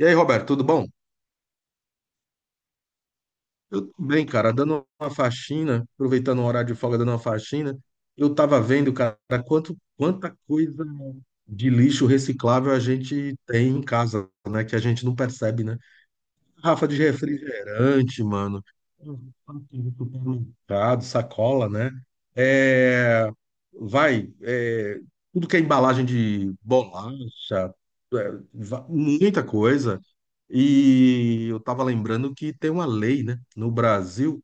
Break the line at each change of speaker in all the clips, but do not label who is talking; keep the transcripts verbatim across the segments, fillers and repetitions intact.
E aí, Roberto, tudo bom? Eu tô bem, cara, dando uma faxina, aproveitando o horário de folga, dando uma faxina. Eu tava vendo, cara, quanto, quanta coisa de lixo reciclável a gente tem em casa, né? Que a gente não percebe, né? Rafa de refrigerante, mano. Supermercado, sacola, né? É, vai, é, tudo que é embalagem de bolacha, é, va- muita coisa. E eu tava lembrando que tem uma lei, né, no Brasil,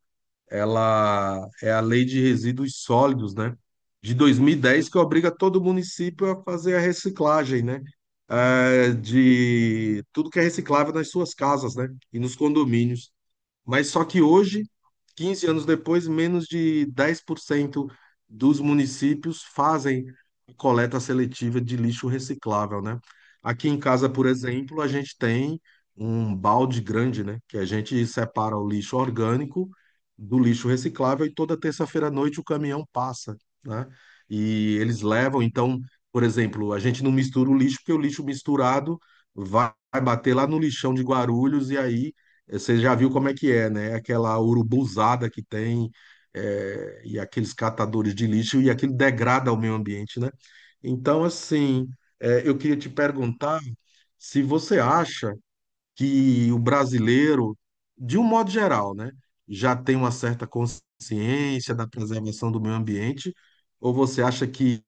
ela é a Lei de Resíduos Sólidos, né? De dois mil e dez, que obriga todo município a fazer a reciclagem, né? Eh, de tudo que é reciclável nas suas casas, né? E nos condomínios. Mas só que hoje, quinze anos depois, menos de dez por cento dos municípios fazem coleta seletiva de lixo reciclável, né? Aqui em casa, por exemplo, a gente tem um balde grande, né? Que a gente separa o lixo orgânico do lixo reciclável e toda terça-feira à noite o caminhão passa, né? E eles levam, então, por exemplo, a gente não mistura o lixo, porque o lixo misturado vai bater lá no lixão de Guarulhos e aí você já viu como é que é, né? Aquela urubuzada que tem, é, e aqueles catadores de lixo, e aquilo degrada o meio ambiente, né? Então, assim, é, eu queria te perguntar se você acha que o brasileiro, de um modo geral, né, já tem uma certa consciência da preservação do meio ambiente, ou você acha que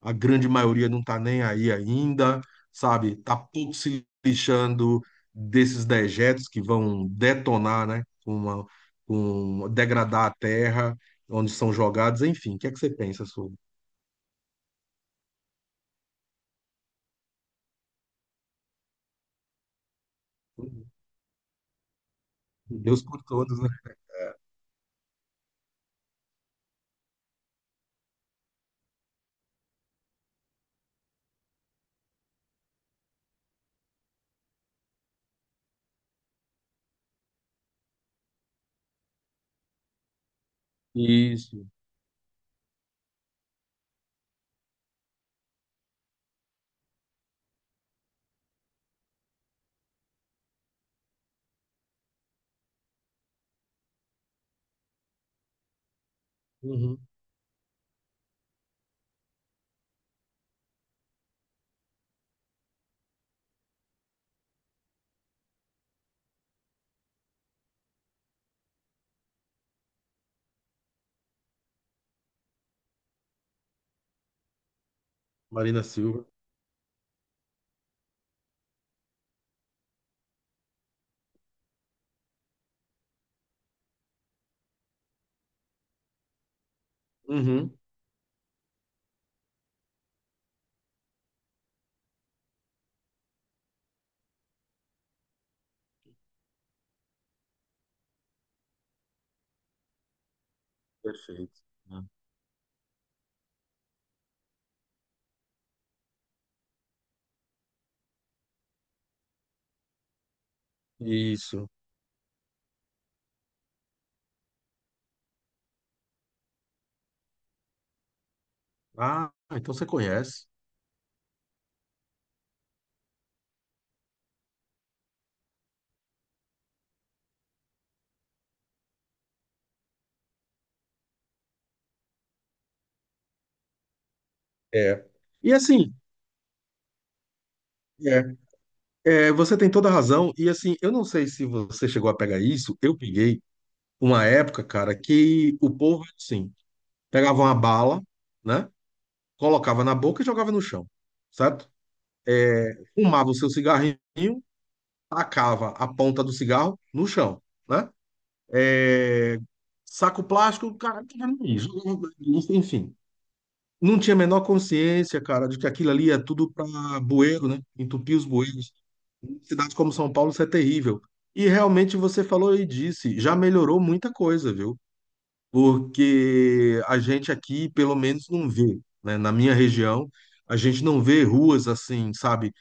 a grande maioria não está nem aí ainda, sabe? Está pouco se lixando desses dejetos que vão detonar, né, com uma, com degradar a terra, onde são jogados, enfim. O que é que você pensa sobre? Deus por todos, né? Isso. Uhum. Marina Silva. Uhum. Perfeito. Isso. Ah, então você conhece. É. E assim, é, é, você tem toda a razão. E assim, eu não sei se você chegou a pegar isso. Eu peguei uma época, cara, que o povo, assim, pegava uma bala, né? Colocava na boca e jogava no chão, certo? Fumava o seu cigarrinho, tacava a ponta do cigarro no chão, né? É, saco plástico, cara, jogava no lixo, enfim. Não tinha a menor consciência, cara, de que aquilo ali é tudo para bueiro, né? Entupir os bueiros. Em cidades como São Paulo, isso é terrível. E realmente você falou e disse, já melhorou muita coisa, viu? Porque a gente aqui, pelo menos, não vê, né? Na minha região, a gente não vê ruas assim, sabe?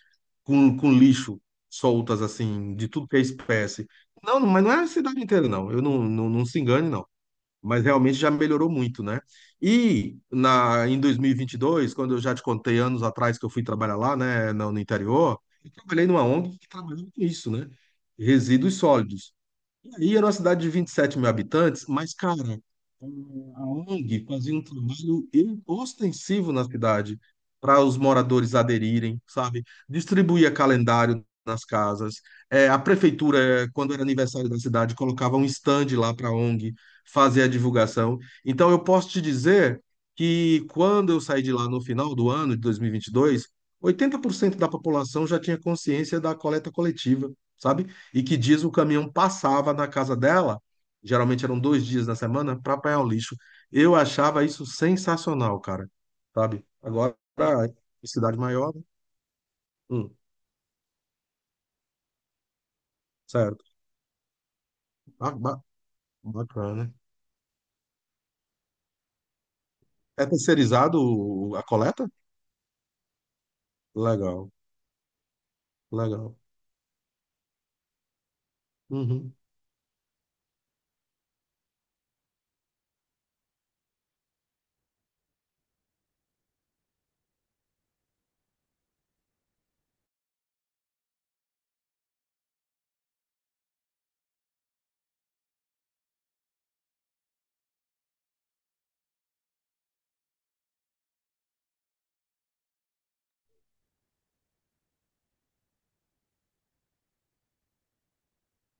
Com, com lixo soltas, assim, de tudo que é espécie. Não, mas não é a cidade inteira, não. Eu não, não, não se engane, não, mas realmente já melhorou muito, né? E na, em dois mil e vinte e dois, quando eu já te contei anos atrás que eu fui trabalhar lá, né, no, no interior, eu trabalhei numa O N G que trabalhava com isso, né? Resíduos sólidos. E aí era uma cidade de vinte e sete mil habitantes, mas, cara, a O N G fazia um trabalho ostensivo na cidade para os moradores aderirem, sabe? Distribuía calendário nas casas. É, a prefeitura, eh, quando era aniversário da cidade, colocava um stand lá para a O N G fazer a divulgação. Então, eu posso te dizer que quando eu saí de lá no final do ano de dois mil e vinte e dois, oitenta por cento da população já tinha consciência da coleta coletiva, sabe? E que diz o caminhão passava na casa dela, geralmente eram dois dias na semana, para apanhar o lixo. Eu achava isso sensacional, cara, sabe? Agora, em cidade maior, né? Hum, certo. Ba- ba- Bacana. É terceirizado o- a coleta? Legal, legal. Uhum.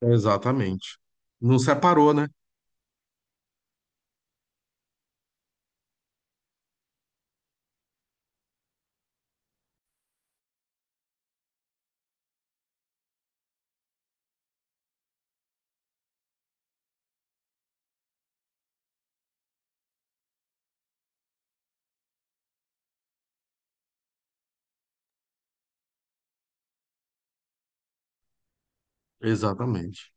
Exatamente. Não separou, né? Exatamente.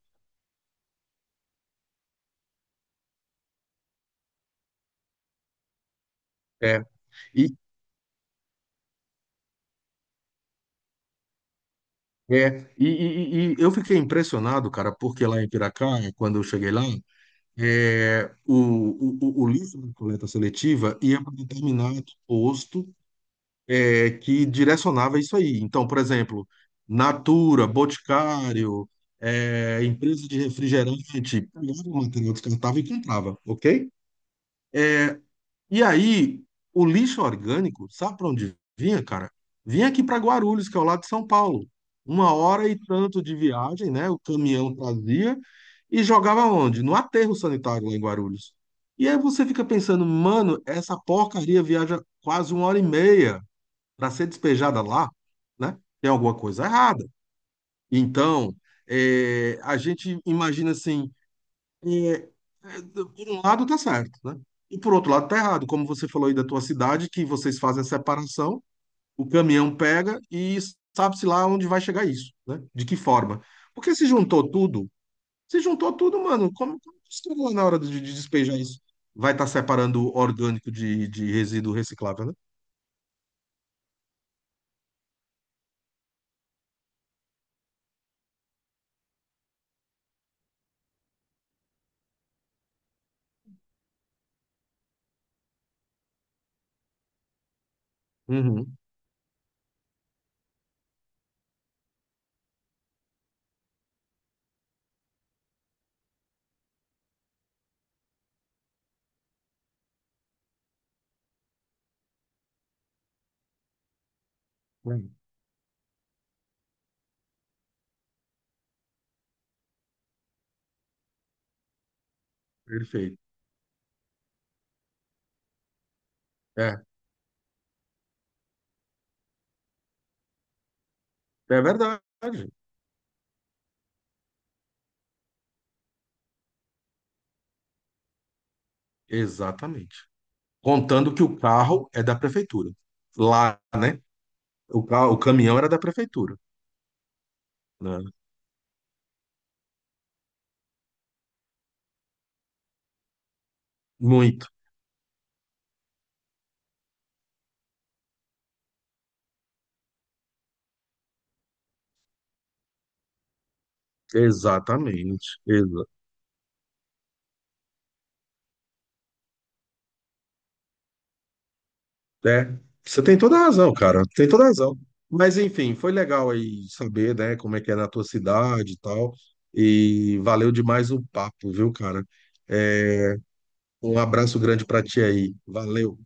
É. E, é, e, e, e- e eu fiquei impressionado, cara, porque lá em Piracá, quando eu cheguei lá, é, o, o, o lixo da coleta seletiva ia para um determinado posto, é, que direcionava isso aí. Então, por exemplo, Natura, Boticário, é, empresa de refrigerante, pegava o material descartável e comprava, ok? É, e aí, o lixo orgânico, sabe para onde vinha, cara? Vinha aqui para Guarulhos, que é ao lado de São Paulo. Uma hora e tanto de viagem, né? O caminhão trazia e jogava onde? No aterro sanitário lá em Guarulhos. E aí você fica pensando, mano, essa porcaria viaja quase uma hora e meia para ser despejada lá, né? Tem alguma coisa errada. Então, eh, a gente imagina assim, é, é, do- por um lado tá certo, né? E por outro lado tá errado, como você falou aí da tua cidade, que vocês fazem a separação, o caminhão pega e sabe-se lá onde vai chegar isso, né? De que forma? Porque se juntou tudo, se juntou tudo, mano, como, como que você vai na hora de, de despejar isso? Vai estar separando orgânico de, de resíduo reciclável, né? Uhum. Uhum. Perfeito. É, é verdade. Exatamente. Contando que o carro é da prefeitura. Lá, né? O, ca- o caminhão era da prefeitura, né? Muito. Exatamente. Exa É. Você tem toda a razão, cara. Tem toda a razão. Mas, enfim, foi legal aí saber, né, como é que é na tua cidade e tal. E valeu demais o papo, viu, cara? É, um abraço grande pra ti aí. Valeu.